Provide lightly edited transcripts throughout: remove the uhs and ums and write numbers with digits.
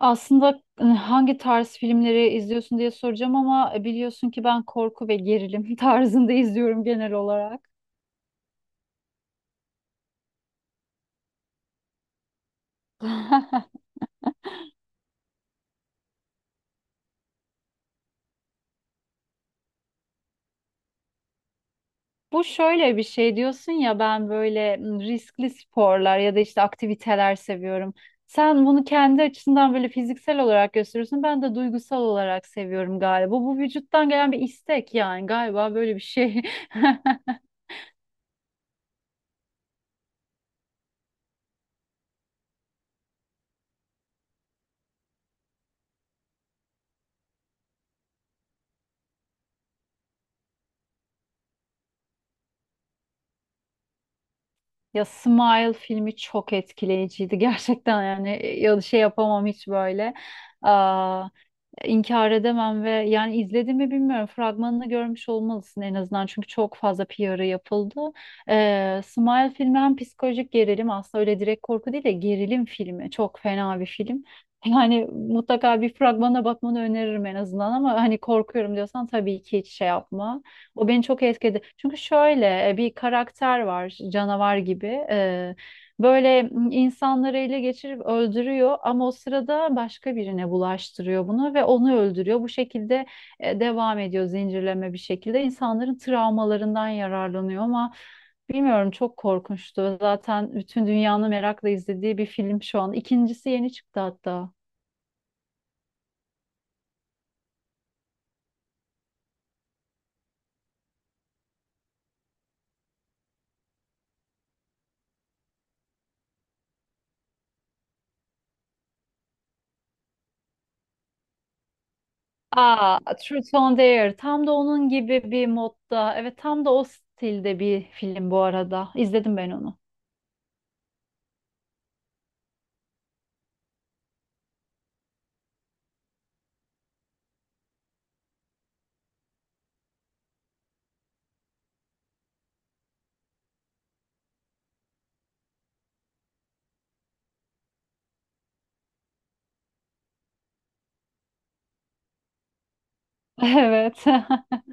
Aslında hangi tarz filmleri izliyorsun diye soracağım ama biliyorsun ki ben korku ve gerilim tarzında izliyorum genel olarak. Bu şöyle bir şey diyorsun ya ben böyle riskli sporlar ya da işte aktiviteler seviyorum. Sen bunu kendi açısından böyle fiziksel olarak gösteriyorsun. Ben de duygusal olarak seviyorum galiba. Bu vücuttan gelen bir istek yani galiba böyle bir şey. Ya Smile filmi çok etkileyiciydi gerçekten yani ya şey yapamam hiç böyle inkar edemem ve yani izledim mi bilmiyorum. Fragmanını görmüş olmalısın en azından çünkü çok fazla PR'ı yapıldı. Smile filmi hem psikolojik gerilim aslında öyle direkt korku değil de gerilim filmi. Çok fena bir film. Yani mutlaka bir fragmana bakmanı öneririm en azından ama hani korkuyorum diyorsan tabii ki hiç şey yapma. O beni çok etkiledi. Çünkü şöyle bir karakter var canavar gibi. Böyle insanları ele geçirip öldürüyor ama o sırada başka birine bulaştırıyor bunu ve onu öldürüyor. Bu şekilde devam ediyor zincirleme bir şekilde. İnsanların travmalarından yararlanıyor ama bilmiyorum çok korkunçtu. Zaten bütün dünyanın merakla izlediği bir film şu an. İkincisi yeni çıktı hatta. Aa, Truth or Dare. Tam da onun gibi bir modda. Evet, tam da o stilde bir film bu arada. İzledim ben onu. Evet.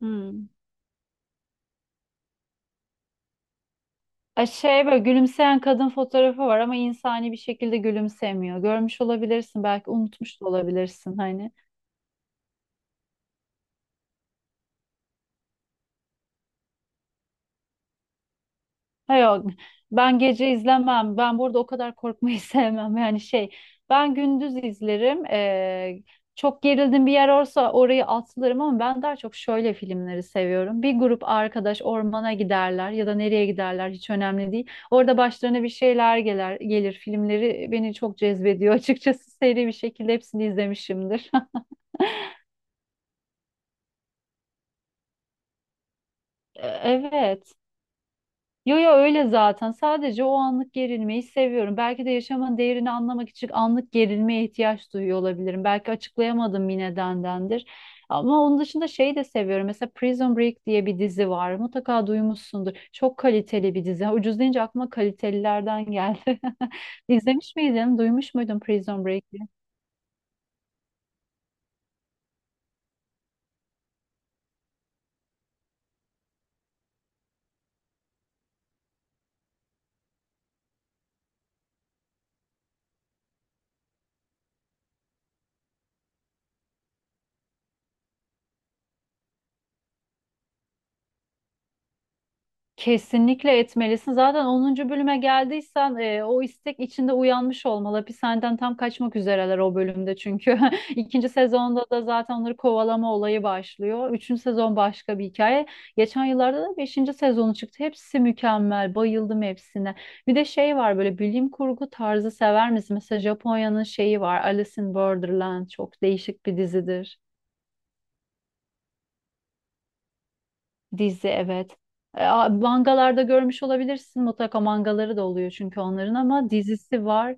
Hmm. Ay şey böyle gülümseyen kadın fotoğrafı var ama insani bir şekilde gülümsemiyor. Görmüş olabilirsin belki unutmuş da olabilirsin hani. Hayır yok, ben gece izlemem. Ben burada o kadar korkmayı sevmem. Yani şey ben gündüz izlerim. Çok gerildim bir yer olsa orayı atlarım ama ben daha çok şöyle filmleri seviyorum. Bir grup arkadaş ormana giderler ya da nereye giderler hiç önemli değil. Orada başlarına bir şeyler gelir, gelir. Filmleri beni çok cezbediyor açıkçası seri bir şekilde hepsini izlemişimdir. Evet. Yo yo öyle zaten. Sadece o anlık gerilmeyi seviyorum. Belki de yaşamın değerini anlamak için anlık gerilmeye ihtiyaç duyuyor olabilirim. Belki açıklayamadığım bir nedendendir. Ama onun dışında şeyi de seviyorum. Mesela Prison Break diye bir dizi var. Mutlaka duymuşsundur. Çok kaliteli bir dizi. Ucuz deyince aklıma kalitelilerden geldi. İzlemiş miydin? Duymuş muydun Prison Break? Kesinlikle etmelisin. Zaten onuncu bölüme geldiysen o istek içinde uyanmış olmalı. Hapishaneden tam kaçmak üzereler o bölümde çünkü. İkinci sezonda da zaten onları kovalama olayı başlıyor. Üçüncü sezon başka bir hikaye. Geçen yıllarda da beşinci sezonu çıktı. Hepsi mükemmel. Bayıldım hepsine. Bir de şey var böyle bilim kurgu tarzı sever misin? Mesela Japonya'nın şeyi var. Alice in Borderland çok değişik bir dizidir. Dizi evet. Mangalarda görmüş olabilirsin. Mutlaka mangaları da oluyor çünkü onların ama dizisi var.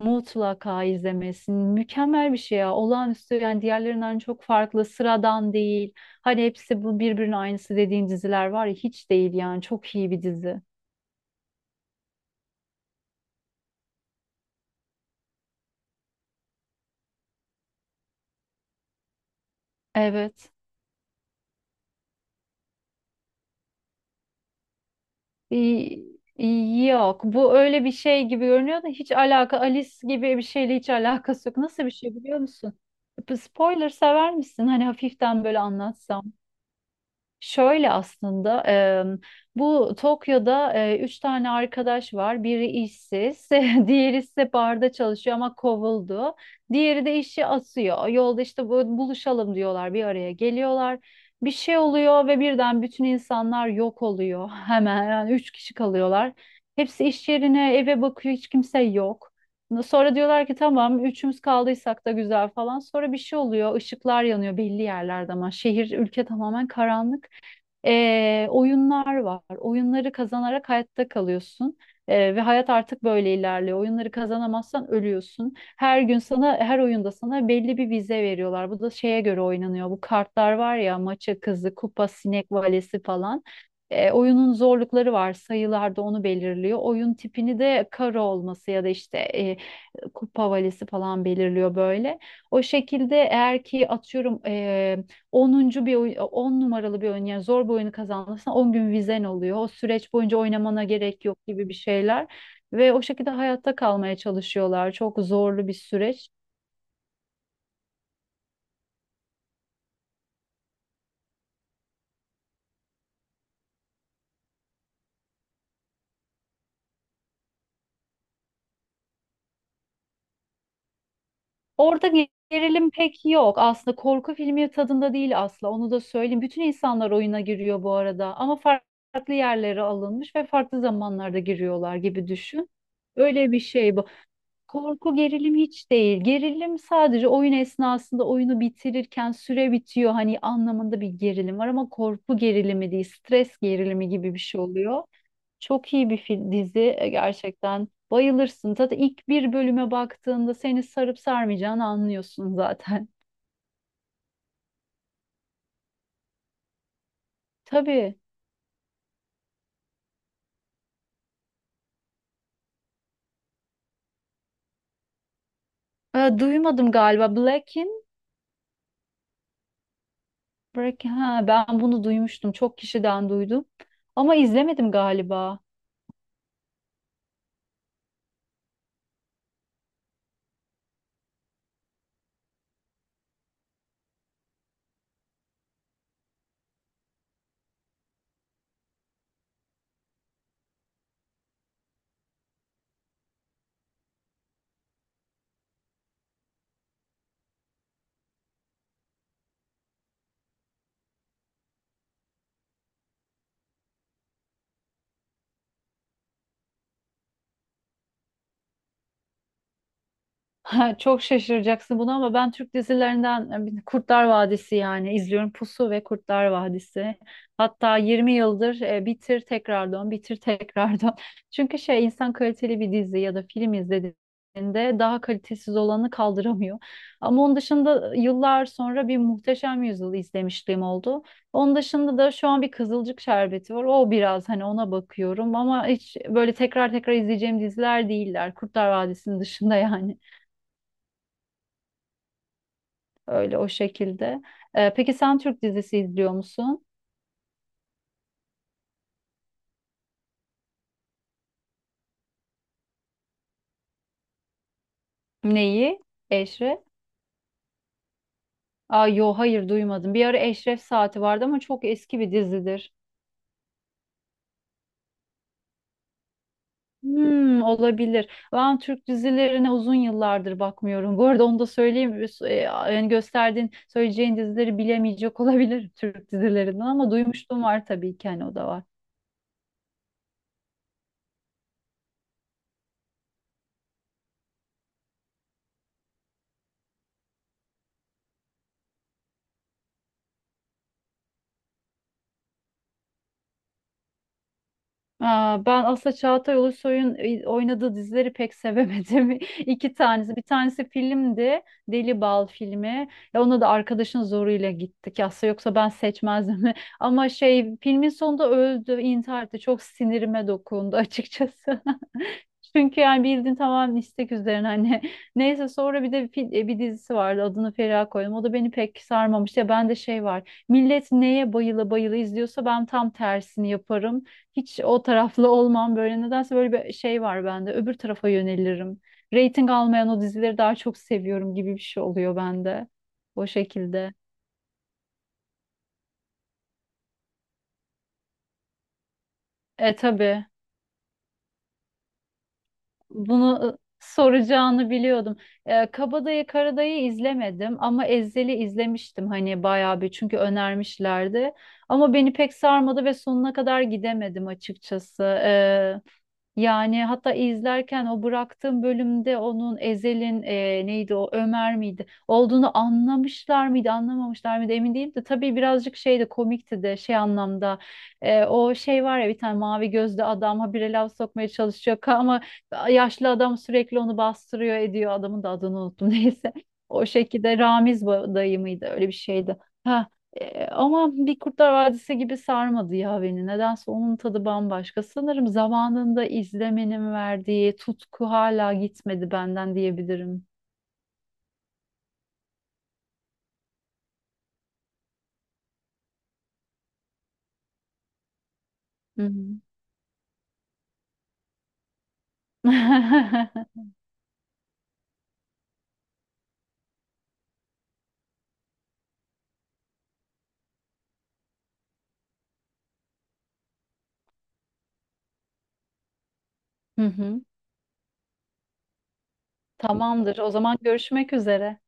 Mutlaka izlemesin. Mükemmel bir şey ya. Olağanüstü yani diğerlerinden çok farklı. Sıradan değil. Hani hepsi bu birbirinin aynısı dediğin diziler var ya hiç değil yani. Çok iyi bir dizi. Evet. Yok bu öyle bir şey gibi görünüyor da hiç alaka Alice gibi bir şeyle hiç alakası yok. Nasıl bir şey biliyor musun? Spoiler sever misin? Hani hafiften böyle anlatsam. Şöyle aslında bu Tokyo'da üç tane arkadaş var. Biri işsiz, diğeri ise barda çalışıyor ama kovuldu. Diğeri de işi asıyor. Yolda işte buluşalım diyorlar, bir araya geliyorlar. Bir şey oluyor ve birden bütün insanlar yok oluyor. Hemen yani üç kişi kalıyorlar. Hepsi iş yerine, eve bakıyor, hiç kimse yok. Sonra diyorlar ki tamam üçümüz kaldıysak da güzel falan. Sonra bir şey oluyor. Işıklar yanıyor belli yerlerde ama şehir ülke tamamen karanlık. Oyunlar var. Oyunları kazanarak hayatta kalıyorsun. Ve hayat artık böyle ilerliyor. Oyunları kazanamazsan ölüyorsun. Her gün sana, her oyunda sana belli bir vize veriyorlar. Bu da şeye göre oynanıyor. Bu kartlar var ya, maça kızı, kupa, sinek valesi falan. Oyunun zorlukları var. Sayılar da onu belirliyor. Oyun tipini de karo olması ya da işte kupa valesi falan belirliyor böyle. O şekilde eğer ki atıyorum onuncu bir oyun, 10 numaralı bir oyun yani zor bir oyunu kazanırsan 10 gün vizen oluyor. O süreç boyunca oynamana gerek yok gibi bir şeyler ve o şekilde hayatta kalmaya çalışıyorlar. Çok zorlu bir süreç. Orada gerilim pek yok. Aslında korku filmi tadında değil asla. Onu da söyleyeyim. Bütün insanlar oyuna giriyor bu arada ama farklı yerlere alınmış ve farklı zamanlarda giriyorlar gibi düşün. Öyle bir şey. Korku gerilim hiç değil. Gerilim sadece oyun esnasında oyunu bitirirken süre bitiyor hani anlamında bir gerilim var ama korku gerilimi değil, stres gerilimi gibi bir şey oluyor. Çok iyi bir dizi gerçekten. Bayılırsın. Zaten ilk bir bölüme baktığında seni sarıp sarmayacağını anlıyorsun zaten. Tabii. Duymadım galiba. Ben bunu duymuştum. Çok kişiden duydum. Ama izlemedim galiba. Ha, çok şaşıracaksın buna ama ben Türk dizilerinden bir Kurtlar Vadisi yani izliyorum Pusu ve Kurtlar Vadisi. Hatta 20 yıldır bitir tekrar dön, bitir tekrar dön. Çünkü şey insan kaliteli bir dizi ya da film izlediğinde daha kalitesiz olanı kaldıramıyor. Ama onun dışında yıllar sonra bir Muhteşem Yüzyıl izlemişliğim oldu. Onun dışında da şu an bir Kızılcık Şerbeti var. O biraz hani ona bakıyorum ama hiç böyle tekrar tekrar izleyeceğim diziler değiller. Kurtlar Vadisi'nin dışında yani. Öyle o şekilde. Peki sen Türk dizisi izliyor musun? Neyi? Eşref? Aa, yo hayır duymadım. Bir ara Eşref Saati vardı ama çok eski bir dizidir. Hmm, olabilir. Ben Türk dizilerine uzun yıllardır bakmıyorum. Bu arada onu da söyleyeyim. Yani gösterdiğin, söyleyeceğin dizileri bilemeyecek olabilir Türk dizilerinden ama duymuşluğum var tabii ki hani o da var. Aa, ben aslında Çağatay Ulusoy'un oynadığı dizileri pek sevemedim. İki tanesi. Bir tanesi filmdi. Deli Bal filmi. Ya ona da arkadaşın zoruyla gittik. Aslında yoksa ben seçmezdim. Ama şey filmin sonunda öldü, intihar etti. Çok sinirime dokundu açıkçası. Çünkü yani bildiğin tamamen istek üzerine hani. Neyse sonra bir de bir dizisi vardı. Adını Feriha koydum. O da beni pek sarmamıştı. Ya bende şey var. Millet neye bayıla bayıla izliyorsa ben tam tersini yaparım. Hiç o taraflı olmam böyle. Nedense böyle bir şey var bende. Öbür tarafa yönelirim. Rating almayan o dizileri daha çok seviyorum gibi bir şey oluyor bende. O şekilde. E tabii. Bunu soracağını biliyordum. Kabadayı Karadayı izlemedim ama Ezhel'i izlemiştim hani bayağı bir çünkü önermişlerdi. Ama beni pek sarmadı ve sonuna kadar gidemedim açıkçası. Yani hatta izlerken o bıraktığım bölümde onun Ezel'in neydi o Ömer miydi olduğunu anlamışlar mıydı anlamamışlar mıydı emin değilim de tabii birazcık şey de komikti de şey anlamda o şey var ya bir tane mavi gözlü adam habire laf sokmaya çalışıyor ama yaşlı adam sürekli onu bastırıyor ediyor adamın da adını unuttum neyse o şekilde dayı mıydı öyle bir şeydi. Ha, ama bir Kurtlar Vadisi gibi sarmadı ya beni. Nedense onun tadı bambaşka. Sanırım zamanında izlemenin verdiği tutku hala gitmedi benden diyebilirim. Hı hı. Hı hı. Tamamdır. O zaman görüşmek üzere.